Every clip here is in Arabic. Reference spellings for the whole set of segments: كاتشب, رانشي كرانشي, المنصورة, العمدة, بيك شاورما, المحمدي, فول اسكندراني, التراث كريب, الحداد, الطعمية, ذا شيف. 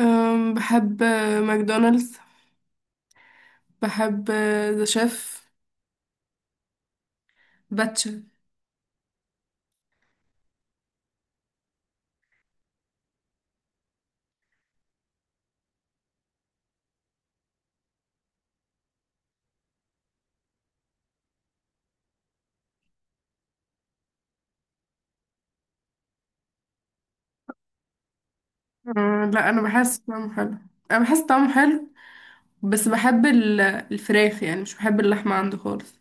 بحب ماكدونالدز. بحب ذا شيف، باتشا. لا، انا بحس طعمه حلو. انا بحس طعمه حلو، بس بحب الفراخ، يعني مش بحب اللحمه عنده خالص.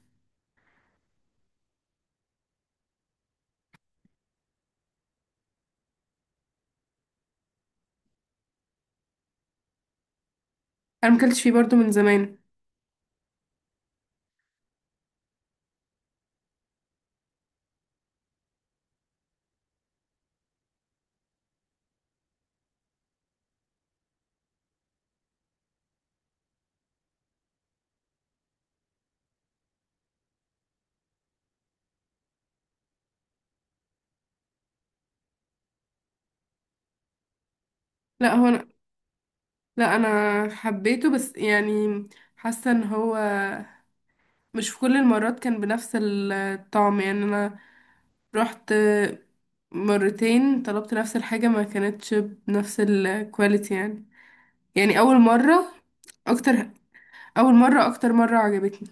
انا مكلتش فيه برضو من زمان. لا، هو أنا. لا، انا حبيته، بس يعني حاسه ان هو مش في كل المرات كان بنفس الطعم. يعني انا رحت مرتين طلبت نفس الحاجه، ما كانتش بنفس الكواليتي يعني. يعني اول مره اكتر. اول مره اكتر مره عجبتني.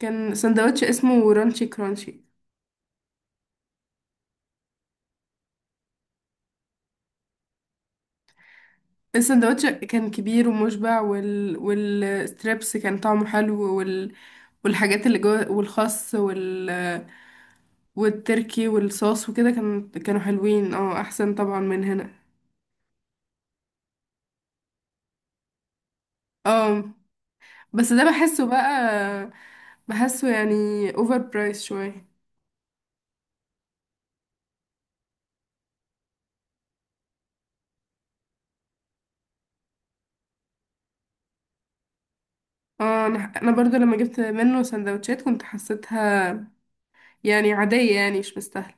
كان سندوتش اسمه رانشي كرانشي. السندوتش كان كبير ومشبع، والستريبس كان طعمه حلو، والحاجات اللي جوه والخس والتركي والصوص وكده، كانوا حلوين. اه، احسن طبعا من هنا. اه، بس ده بحسه بقى. بحسه يعني اوفر برايس شويه. اه، انا برضو لما جبت منه سندوتشات كنت حسيتها يعني عاديه، يعني مش مستاهله.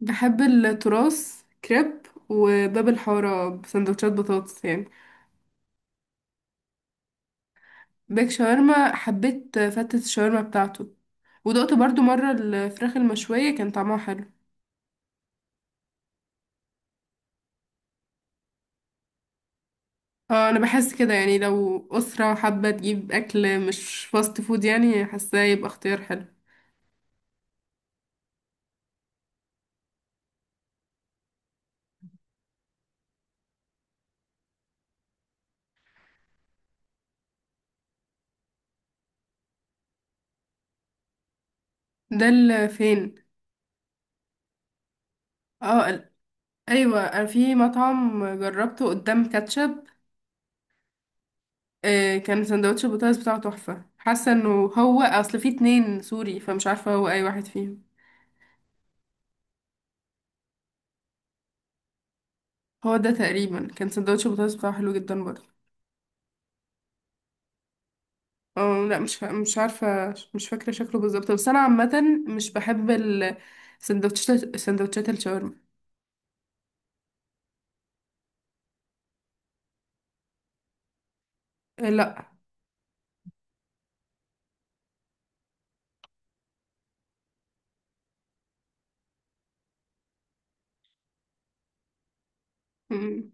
بحب التراث كريب وباب الحارة بسندوتشات بطاطس يعني. بيك شاورما حبيت فتة الشاورما بتاعته، ودقت برضو مرة الفراخ المشوية كان طعمها حلو. اه، انا بحس كده. يعني لو أسرة حابة تجيب أكل مش فاست فود، يعني حاساه يبقى اختيار حلو. ده فين؟ اه ايوه، أنا في مطعم جربته قدام كاتشب. آه، كان سندوتش البطاطس بتاعه تحفة. حاسة انه هو اصل في اتنين سوري، فمش عارفة هو اي واحد فيهم. هو ده تقريبا، كان سندوتش بطاطس بتاعه حلو جدا برضه. اه لا، مش عارفه، مش فاكره شكله بالظبط، بس انا عامه مش بحب السندوتشات، سندوتشات سندوتشات الشاورما. آه، لا. مم.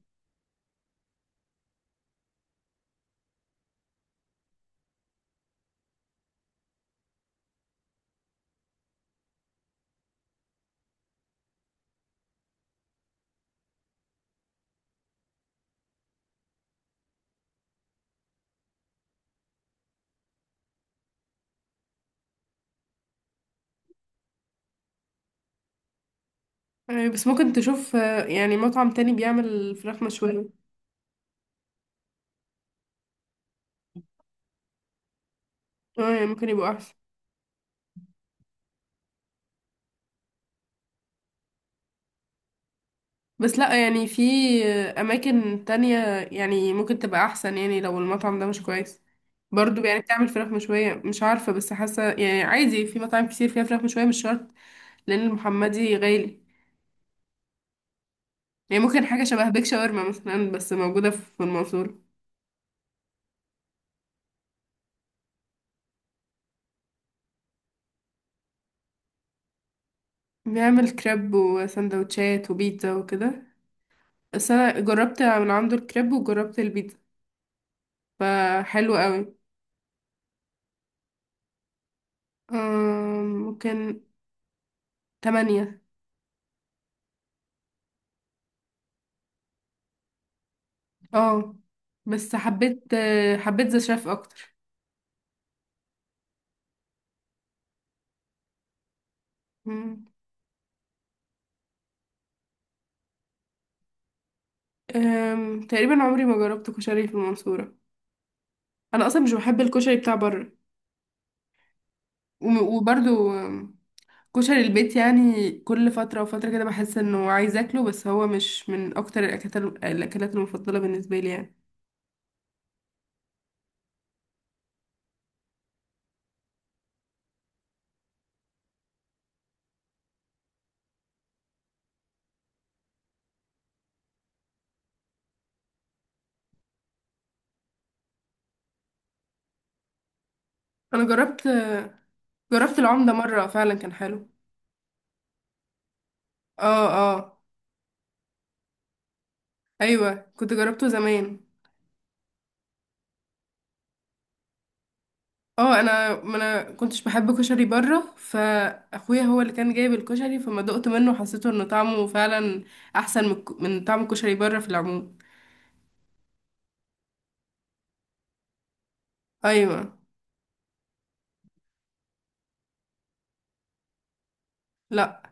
آه، بس ممكن تشوف آه، يعني مطعم تاني بيعمل فراخ مشوية. اه يعني ممكن يبقى احسن. بس لا، يعني في آه، اماكن تانية يعني ممكن تبقى احسن. يعني لو المطعم ده مش كويس، برضو يعني بتعمل فراخ مشوية مش عارفة، بس حاسة يعني عادي في مطاعم كتير فيها فراخ مشوية مش شرط. لأن المحمدي غالي. يعني ممكن حاجة شبه بيك شاورما مثلا، بس موجودة في المنصورة. بيعمل كريب وسندوتشات وبيتزا وكده، بس أنا جربت من عنده الكريب وجربت البيتزا، فحلو قوي. ممكن تمانية. اه، بس حبيت. حبيت ذا شيف أكتر. مم. تقريبا عمري ما جربت كشري في المنصورة. أنا أصلا مش بحب الكشري بتاع بره. وبرضه كشري البيت، يعني كل فترة وفترة كده بحس انه عايز اكله، بس هو مش من اكتر الاكلات المفضلة بالنسبة لي يعني. انا جربت. جربت العمدة مرة فعلا كان حلو. اه، اه. ايوه كنت جربته زمان. اه، انا ما انا كنتش بحب كشري بره، فاخويا هو اللي كان جايب الكشري، فما دقت منه حسيته انه طعمه فعلا احسن من طعم الكشري بره في العموم. ايوه. لا،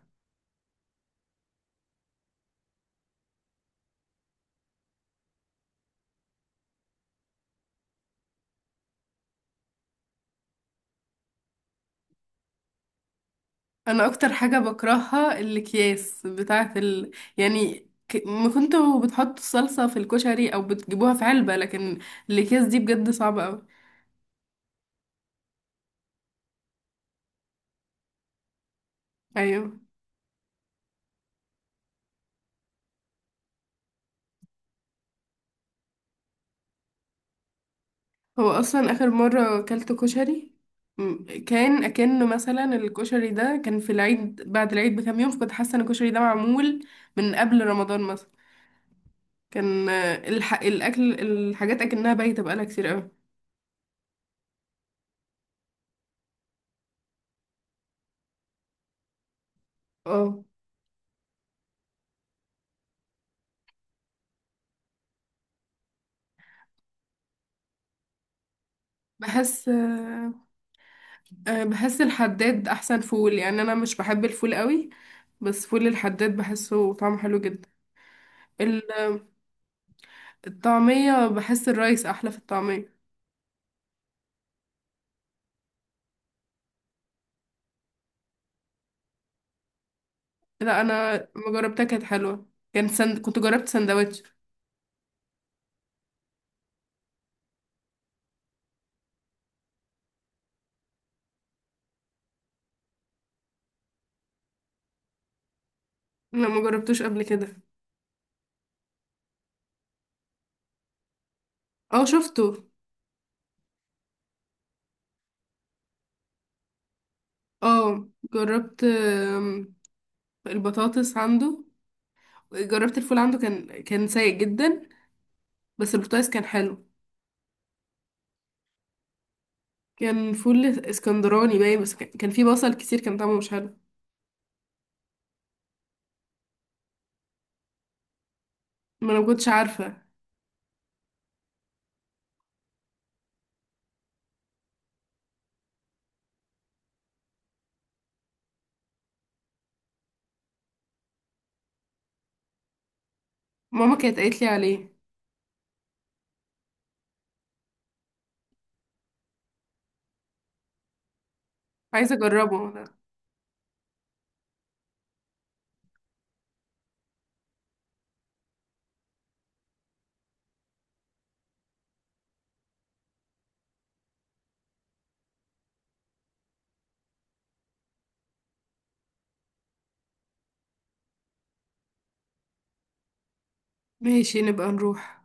انا اكتر حاجه بكرهها الاكياس بتاعه يعني ما كنتوا بتحطوا الصلصه في الكشري او بتجيبوها في علبه، لكن الاكياس دي بجد صعبه قوي. ايوه. هو اصلا اخر مره اكلت كشري كان اكنه مثلا الكشري ده كان في العيد، بعد العيد بكام يوم، فكنت حاسه ان الكشري ده معمول من قبل رمضان مثلا. كان آه، الاكل، الحاجات اكنها بايته بقالها كتير قوي. اه، بحس. أه، بحس الحداد احسن فول. يعني انا مش بحب الفول قوي، بس فول الحداد بحسه طعمه حلو جدا. ال- الطعمية بحس الرايس احلى في الطعمية. لا، انا ما جربتها، كانت حلوة. كنت جربت سندوتش. لا، ما جربتوش قبل كده. اه، شفته. اه، جربت البطاطس عنده. جربت الفول عنده كان سيء جدا، بس البطاطس كان حلو. كان فول اسكندراني باين، بس كان فيه بصل كتير، كان طعمه مش حلو. ما انا ما كنتش عارفة. ماما كانت قالت لي عليه. عايزة اجربه ده. ماشي، نبقى نروح.